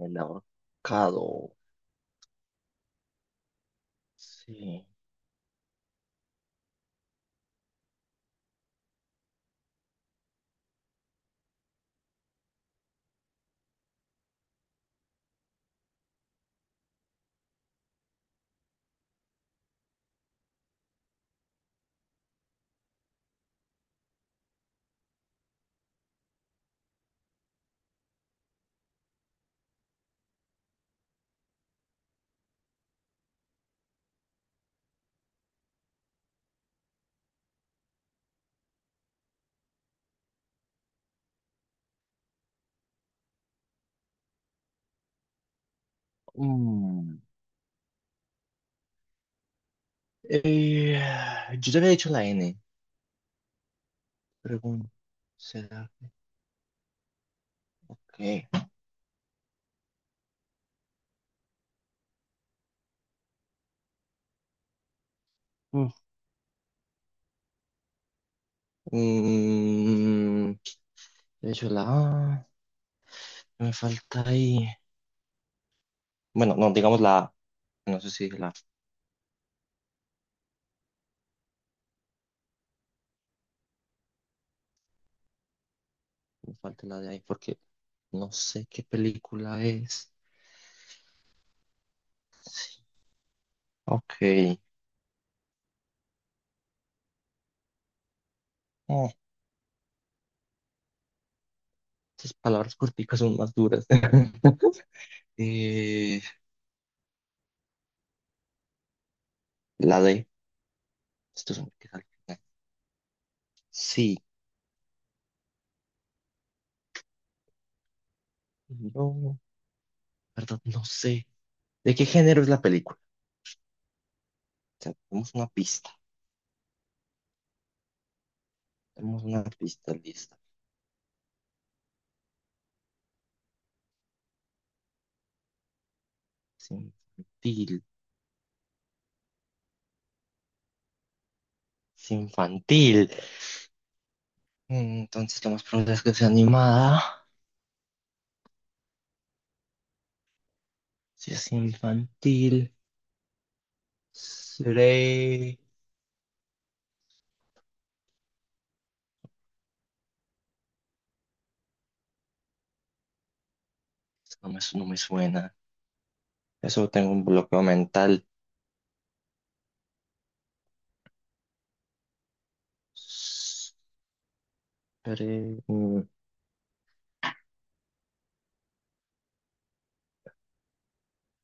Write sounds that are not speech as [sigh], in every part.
El ahorcado. Sí. Mm. Eh, yo te había dicho la N. Pregunta. ¿Será que qué? Mm. Mm, He hecho la A. Me falta ahí. Bueno, no, digamos la A. No sé si dije la A. Me falta la de ahí porque no sé qué película es. Ok. Oh, esas palabras corticas son más duras. [laughs] Eh, la D. Esto es un que sale. Sí. No. Verdad, no sé. ¿De qué género es la película? O sea, tenemos una pista. Tenemos una pista lista. Es infantil. Es infantil. Entonces, lo más probable es que sea animada. Si es infantil, seré. No me, no me suena. Eso tengo un bloqueo mental. Seré.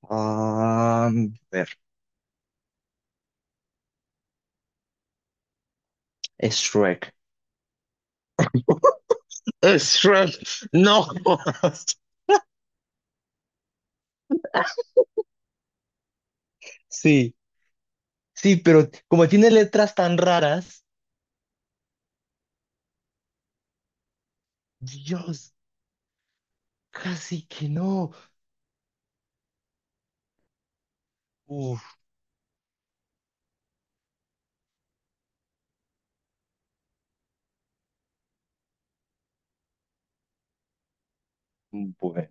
Ah, a ver, es Shrek. Es Shrek. No. [laughs] Jodas. Sí, sí, pero como tiene letras tan raras, Dios, casi que no. Uf, bueno,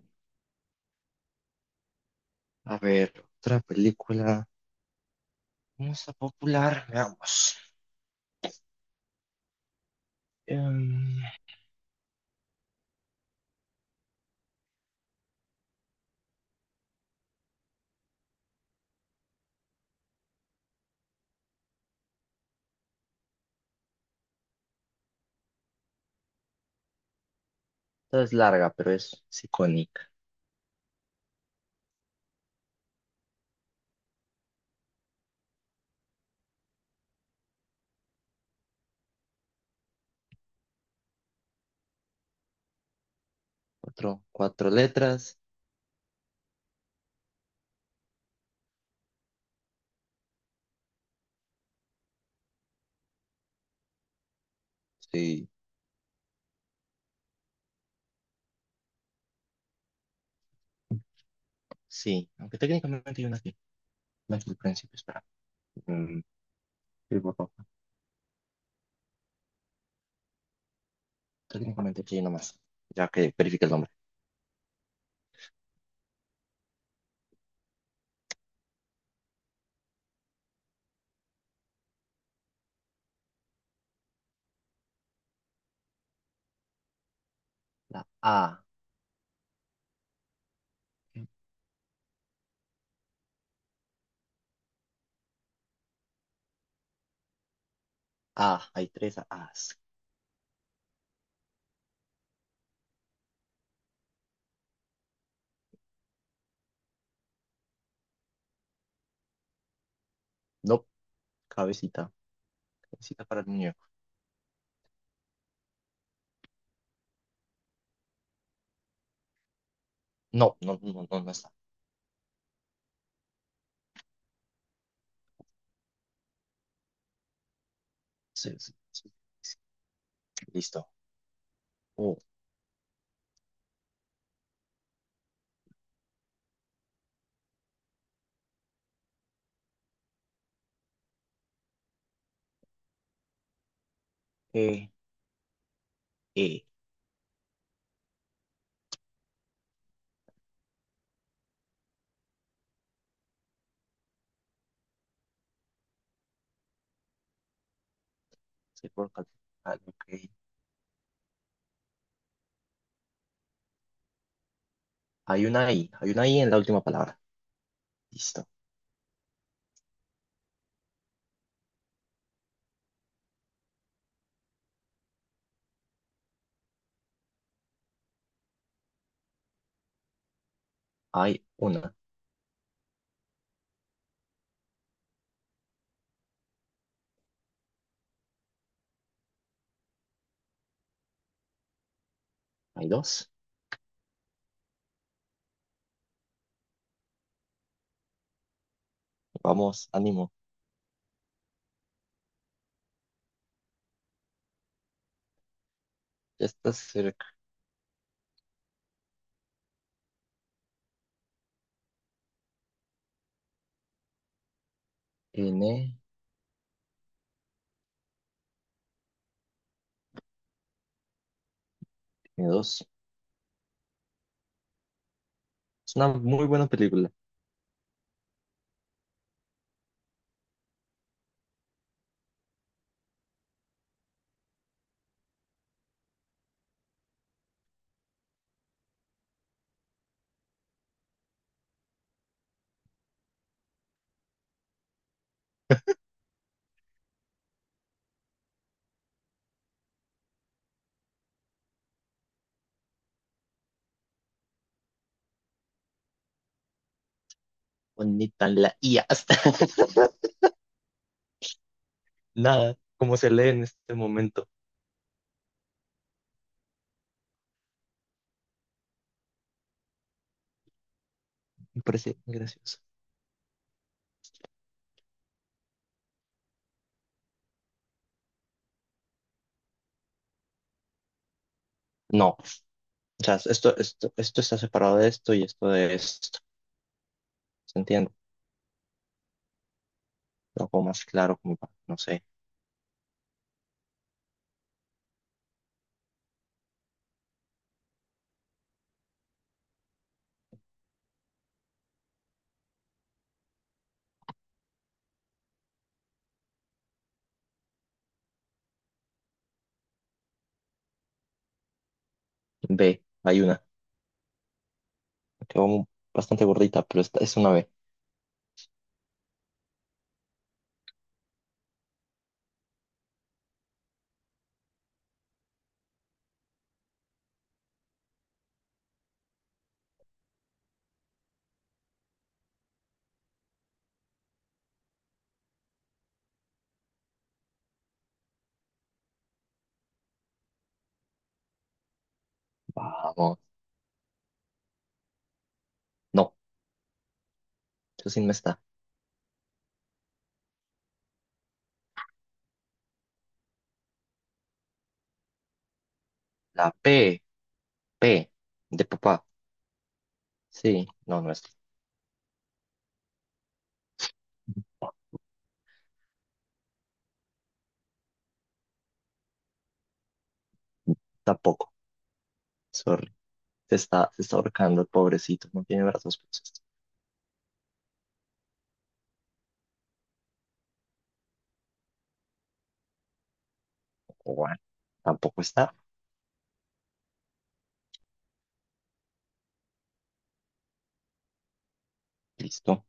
a ver, otra película. Vamos a popular, veamos. Em, Esta es larga, pero es icónica. Cuatro, cuatro letras. Sí, sí, aunque técnicamente hay una aquí. No es el principio, espera. Mm, sí, por favor. Técnicamente aquí hay una más, ya que verifique el nombre. La A. A, hay tres A's. No, cabecita. Cabecita para el muñeco. No, no, no, no, no está. Sí, sí, sí. Listo. Oh, E, E, sí, ah, ok. Hay una I en la última palabra. Listo. Hay una, hay dos. Vamos, ánimo. Ya está cerca. N, n dos. Es una muy buena película. Bonita la I hasta. [laughs] Nada, como se lee en este momento. Me parece muy gracioso. No, o sea, esto está separado de esto y esto de esto. ¿Se entiende? Lo hago más claro, como para, no sé. B, hay una. Quedó bastante gordita, pero esta es una B. Vamos. No. Eso sí no está. La P, P, de papá. Sí, no, no está. Tampoco. Sorry. Se está ahorcando el pobrecito. No tiene brazos. Pues, bueno, tampoco está. Listo.